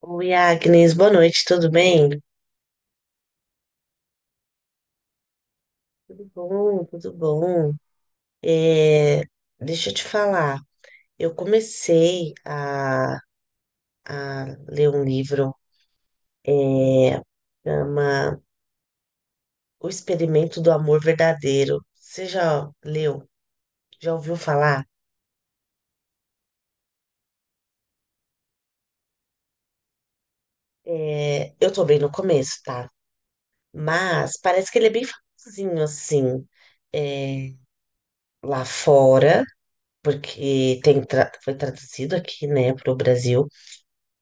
Oi, Agnes, boa noite, tudo bem? Tudo bom, tudo bom. É, deixa eu te falar, eu comecei a ler um livro. É, chama O Experimento do Amor Verdadeiro. Você já leu? Já ouviu falar? Eu tô bem no começo, tá? Mas parece que ele é bem famosinho, assim, é, lá fora, porque foi traduzido aqui, né, pro Brasil.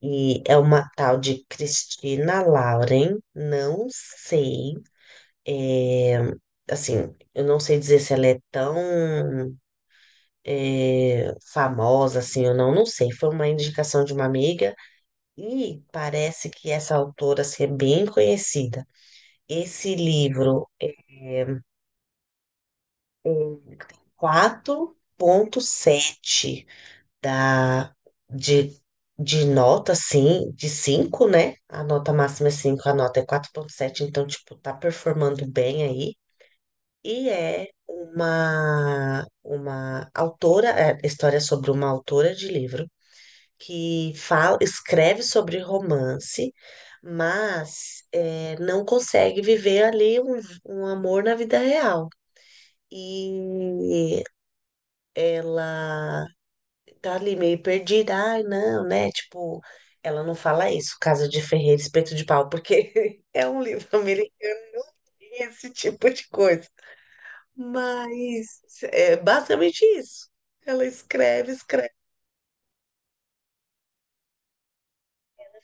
E é uma tal de Cristina Lauren, não sei. é, assim, eu não sei dizer se ela é tão famosa assim ou não, não sei. Foi uma indicação de uma amiga e parece que essa autora assim, é bem conhecida. Esse livro é 4.7 da, de, de nota, assim, de cinco, né? A nota máxima é cinco, a nota é 4,7, então, tipo, tá performando bem aí. E é uma autora, é história sobre uma autora de livro que fala, escreve sobre romance, mas não consegue viver ali um amor na vida real. E ela tá ali meio perdida. Ai, não, né? Tipo, ela não fala isso, Casa de ferreiro Espeto de Pau, porque é um livro americano, não tem esse tipo de coisa. Mas é basicamente isso. Ela escreve, escreve,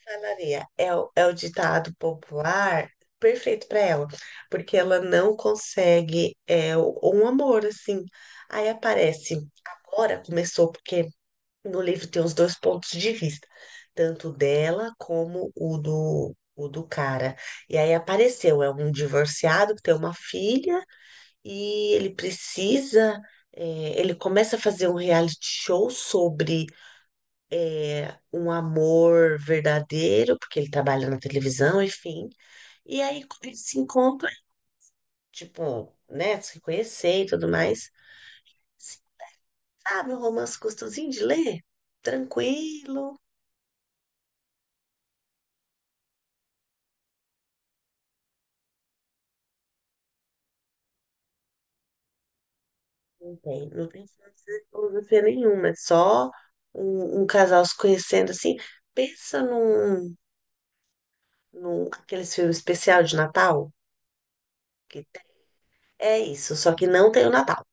falaria. É o ditado popular perfeito para ela, porque ela não consegue um amor assim. Aí aparece. Agora começou, porque no livro tem os dois pontos de vista, tanto dela como o do cara. E aí apareceu, é um divorciado que tem uma filha e ele precisa, ele começa a fazer um reality show sobre um amor verdadeiro, porque ele trabalha na televisão, enfim. E aí eles se encontram, tipo, né, se conhecer e tudo mais. Sabe, um romance gostosinho de ler? Tranquilo. Não tem filosofia nenhuma, é só um casal se conhecendo assim. Pensa num aqueles filmes especial de Natal que tem. É isso, só que não tem o Natal.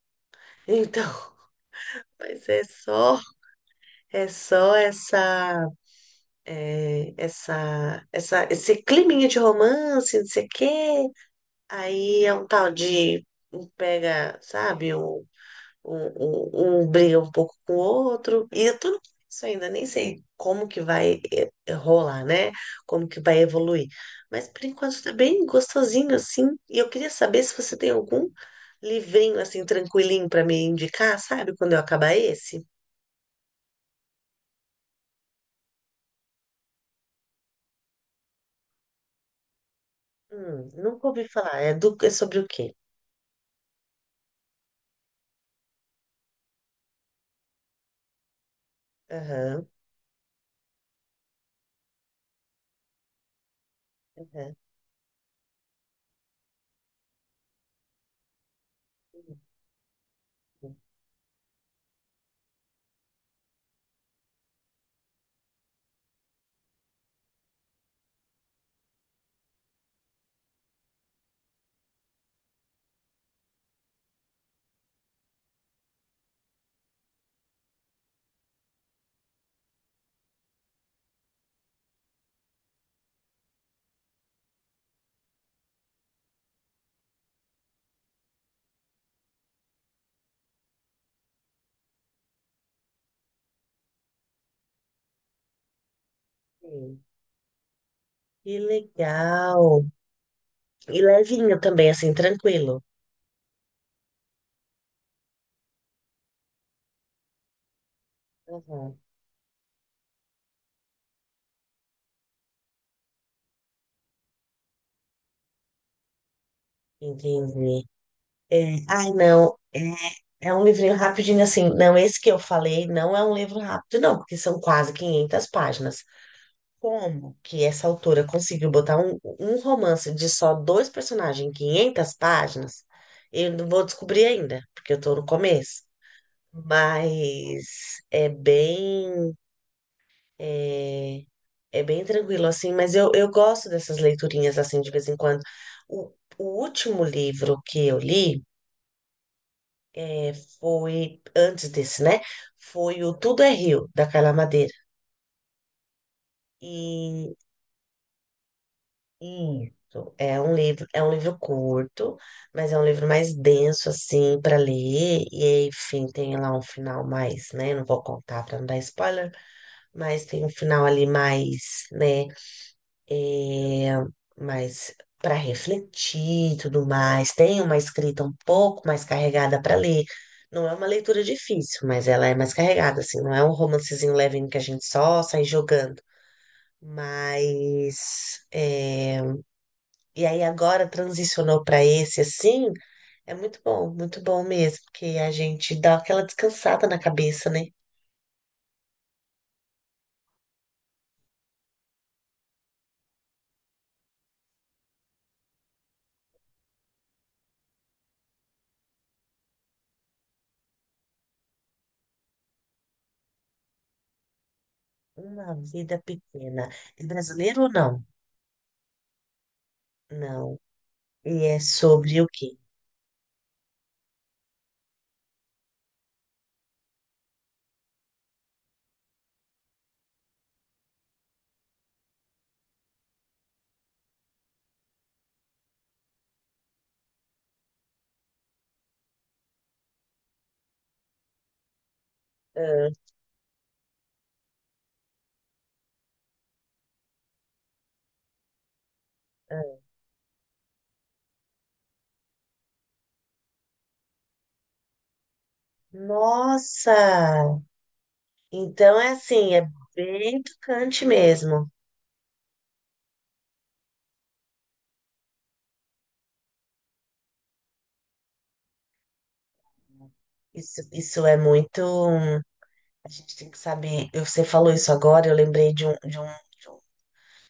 Então, mas é só essa, é, essa, esse climinha de romance, não sei o quê. Aí é um tal de um pega, sabe? Briga um pouco com o outro, e eu tô no começo ainda, nem sei como que vai rolar, né? Como que vai evoluir. Mas por enquanto tá bem gostosinho assim, e eu queria saber se você tem algum livrinho assim, tranquilinho pra me indicar, sabe? Quando eu acabar esse. Nunca ouvi falar, é sobre o quê? Aham, aham. Sim. Que legal! E levinho também, assim, tranquilo. Uhum. Entendi. É, ai, não. É um livrinho rapidinho, assim. Não, esse que eu falei não é um livro rápido, não, porque são quase 500 páginas. Como que essa autora conseguiu botar um romance de só dois personagens em 500 páginas? Eu não vou descobrir ainda, porque eu tô no começo. Mas é bem. É, É bem tranquilo, assim, mas eu gosto dessas leiturinhas, assim, de vez em quando. O, o último livro que eu li, é, foi, antes desse, né? Foi o Tudo é Rio, da Carla Madeira. E, e isso, é um livro curto, mas é um livro mais denso, assim, para ler. E, enfim, tem lá um final mais, né? Não vou contar para não dar spoiler, mas tem um final ali mais, né? é, mas para refletir e tudo mais. Tem uma escrita um pouco mais carregada para ler. Não é uma leitura difícil, mas ela é mais carregada, assim. Não é um romancezinho levinho que a gente só sai jogando. Mas. E aí agora transicionou para esse, assim. É muito bom mesmo, porque a gente dá aquela descansada na cabeça, né? Uma vida pequena. É brasileiro ou não? Não. E é sobre o quê? Ah, ah. Nossa! Então é assim, é bem tocante mesmo. Isso é muito. A gente tem que saber. Você falou isso agora, eu lembrei de um,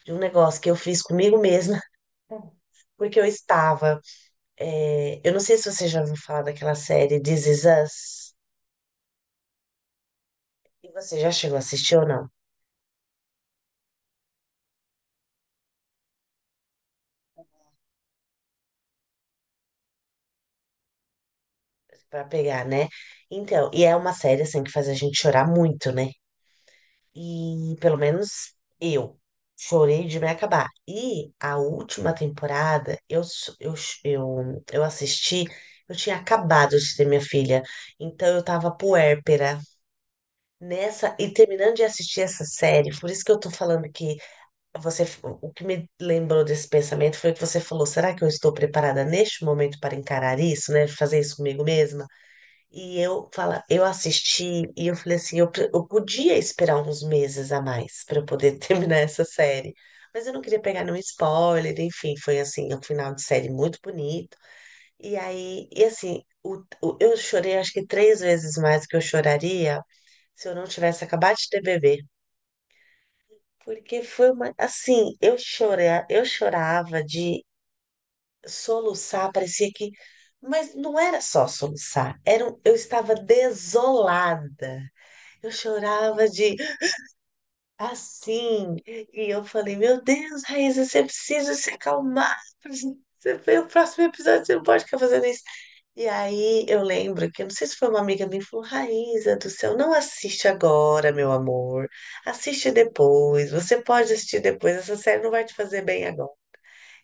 de um negócio que eu fiz comigo mesma, porque eu estava. Eu não sei se você já ouviu falar daquela série This Is Us. E você já chegou a assistir ou não? Pra pegar, né? Então, e é uma série assim que faz a gente chorar muito, né? E pelo menos eu chorei de me acabar. E a última temporada eu, s- eu, ch- eu assisti, eu tinha acabado de ter minha filha, então eu tava puérpera nessa e terminando de assistir essa série. Por isso que eu tô falando o que me lembrou desse pensamento foi que você falou: será que eu estou preparada neste momento para encarar isso, né? Fazer isso comigo mesma? E eu assisti e eu falei assim, eu podia esperar uns meses a mais para eu poder terminar essa série. Mas eu não queria pegar nenhum spoiler, enfim, foi assim, um final de série muito bonito. E aí, e assim, eu chorei acho que três vezes mais do que eu choraria se eu não tivesse acabado de ter bebê. Porque foi uma, assim, eu chorei, eu chorava de soluçar, parecia que, mas não era só soluçar, era, eu estava desolada. Eu chorava de assim. E eu falei, meu Deus, Raíssa, você precisa se acalmar. Você vê o próximo episódio, você não pode ficar fazendo isso. E aí eu lembro que, eu não sei se foi uma amiga minha, que falou, Raíssa do céu, não assiste agora, meu amor. Assiste depois. Você pode assistir depois. Essa série não vai te fazer bem agora.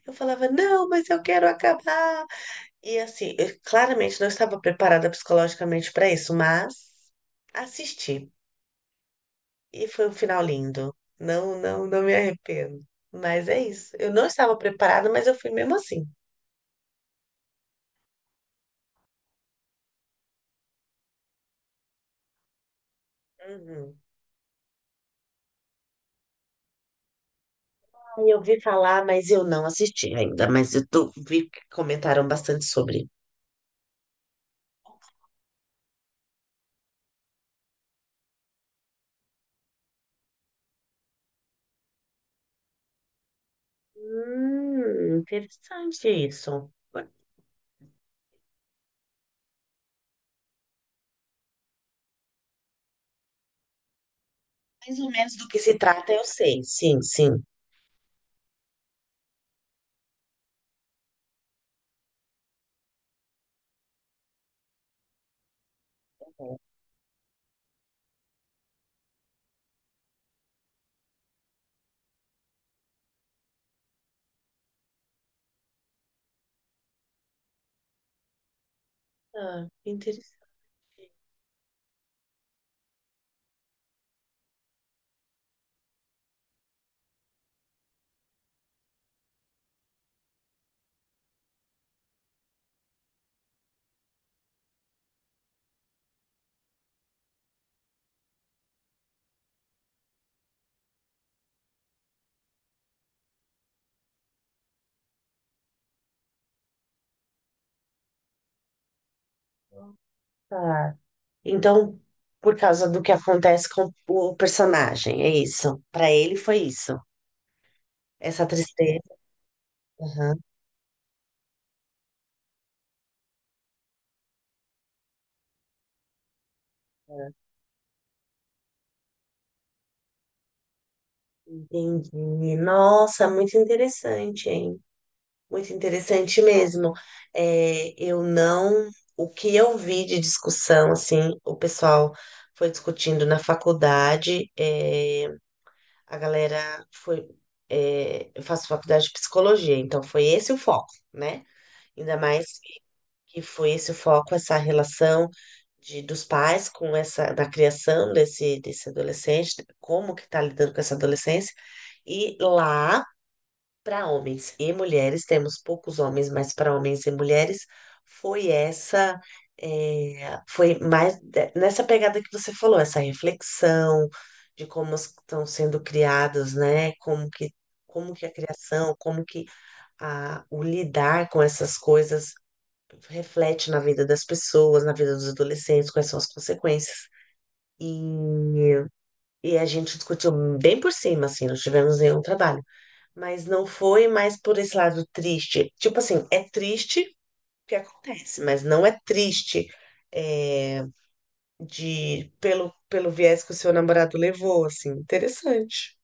Eu falava, não, mas eu quero acabar. E assim, eu claramente não estava preparada psicologicamente para isso, mas assisti. E foi um final lindo. Não, não, não me arrependo. Mas é isso. Eu não estava preparada, mas eu fui mesmo assim. Uhum. Aí, eu vi falar, mas eu não assisti ainda. Mas eu tô, vi que comentaram bastante sobre. Interessante isso. Mais ou menos do que se trata, eu sei. Sim, sim. Ah, interessante. Ah. Então, por causa do que acontece com o personagem, é isso. Pra ele foi isso. Essa tristeza. Aham. Entendi. Nossa, muito interessante, hein? Muito interessante mesmo. É, eu não. O que eu vi de discussão, assim, o pessoal foi discutindo na faculdade, a galera foi. Eu faço faculdade de psicologia, então foi esse o foco, né? Ainda mais que foi esse foco, essa relação dos pais com da criação desse adolescente, como que está lidando com essa adolescência. E lá, para homens e mulheres, temos poucos homens, mas para homens e mulheres, foi essa, foi nessa pegada que você falou, essa reflexão de como estão sendo criados, né? Como que a criação, como que a, o lidar com essas coisas reflete na vida das pessoas, na vida dos adolescentes, quais são as consequências. E, a gente discutiu bem por cima, assim, não tivemos nenhum trabalho. Mas não foi mais por esse lado triste. Tipo assim, é triste que acontece, mas não é triste é, de pelo viés que o seu namorado levou, assim. Interessante.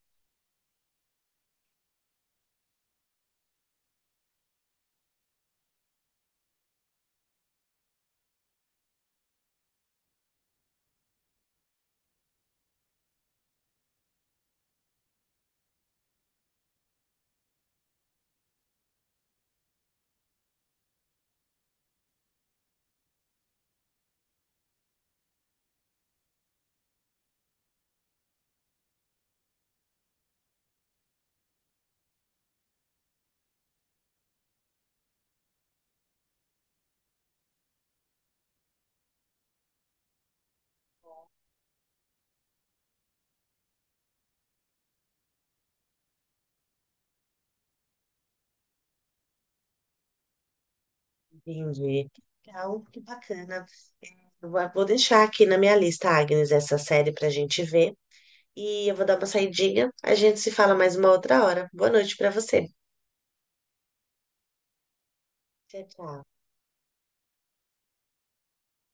Entendi. Legal, que bacana. Eu vou deixar aqui na minha lista, Agnes, essa série pra gente ver. E eu vou dar uma saidinha. A gente se fala mais uma outra hora. Boa noite pra você. Tchau, tchau.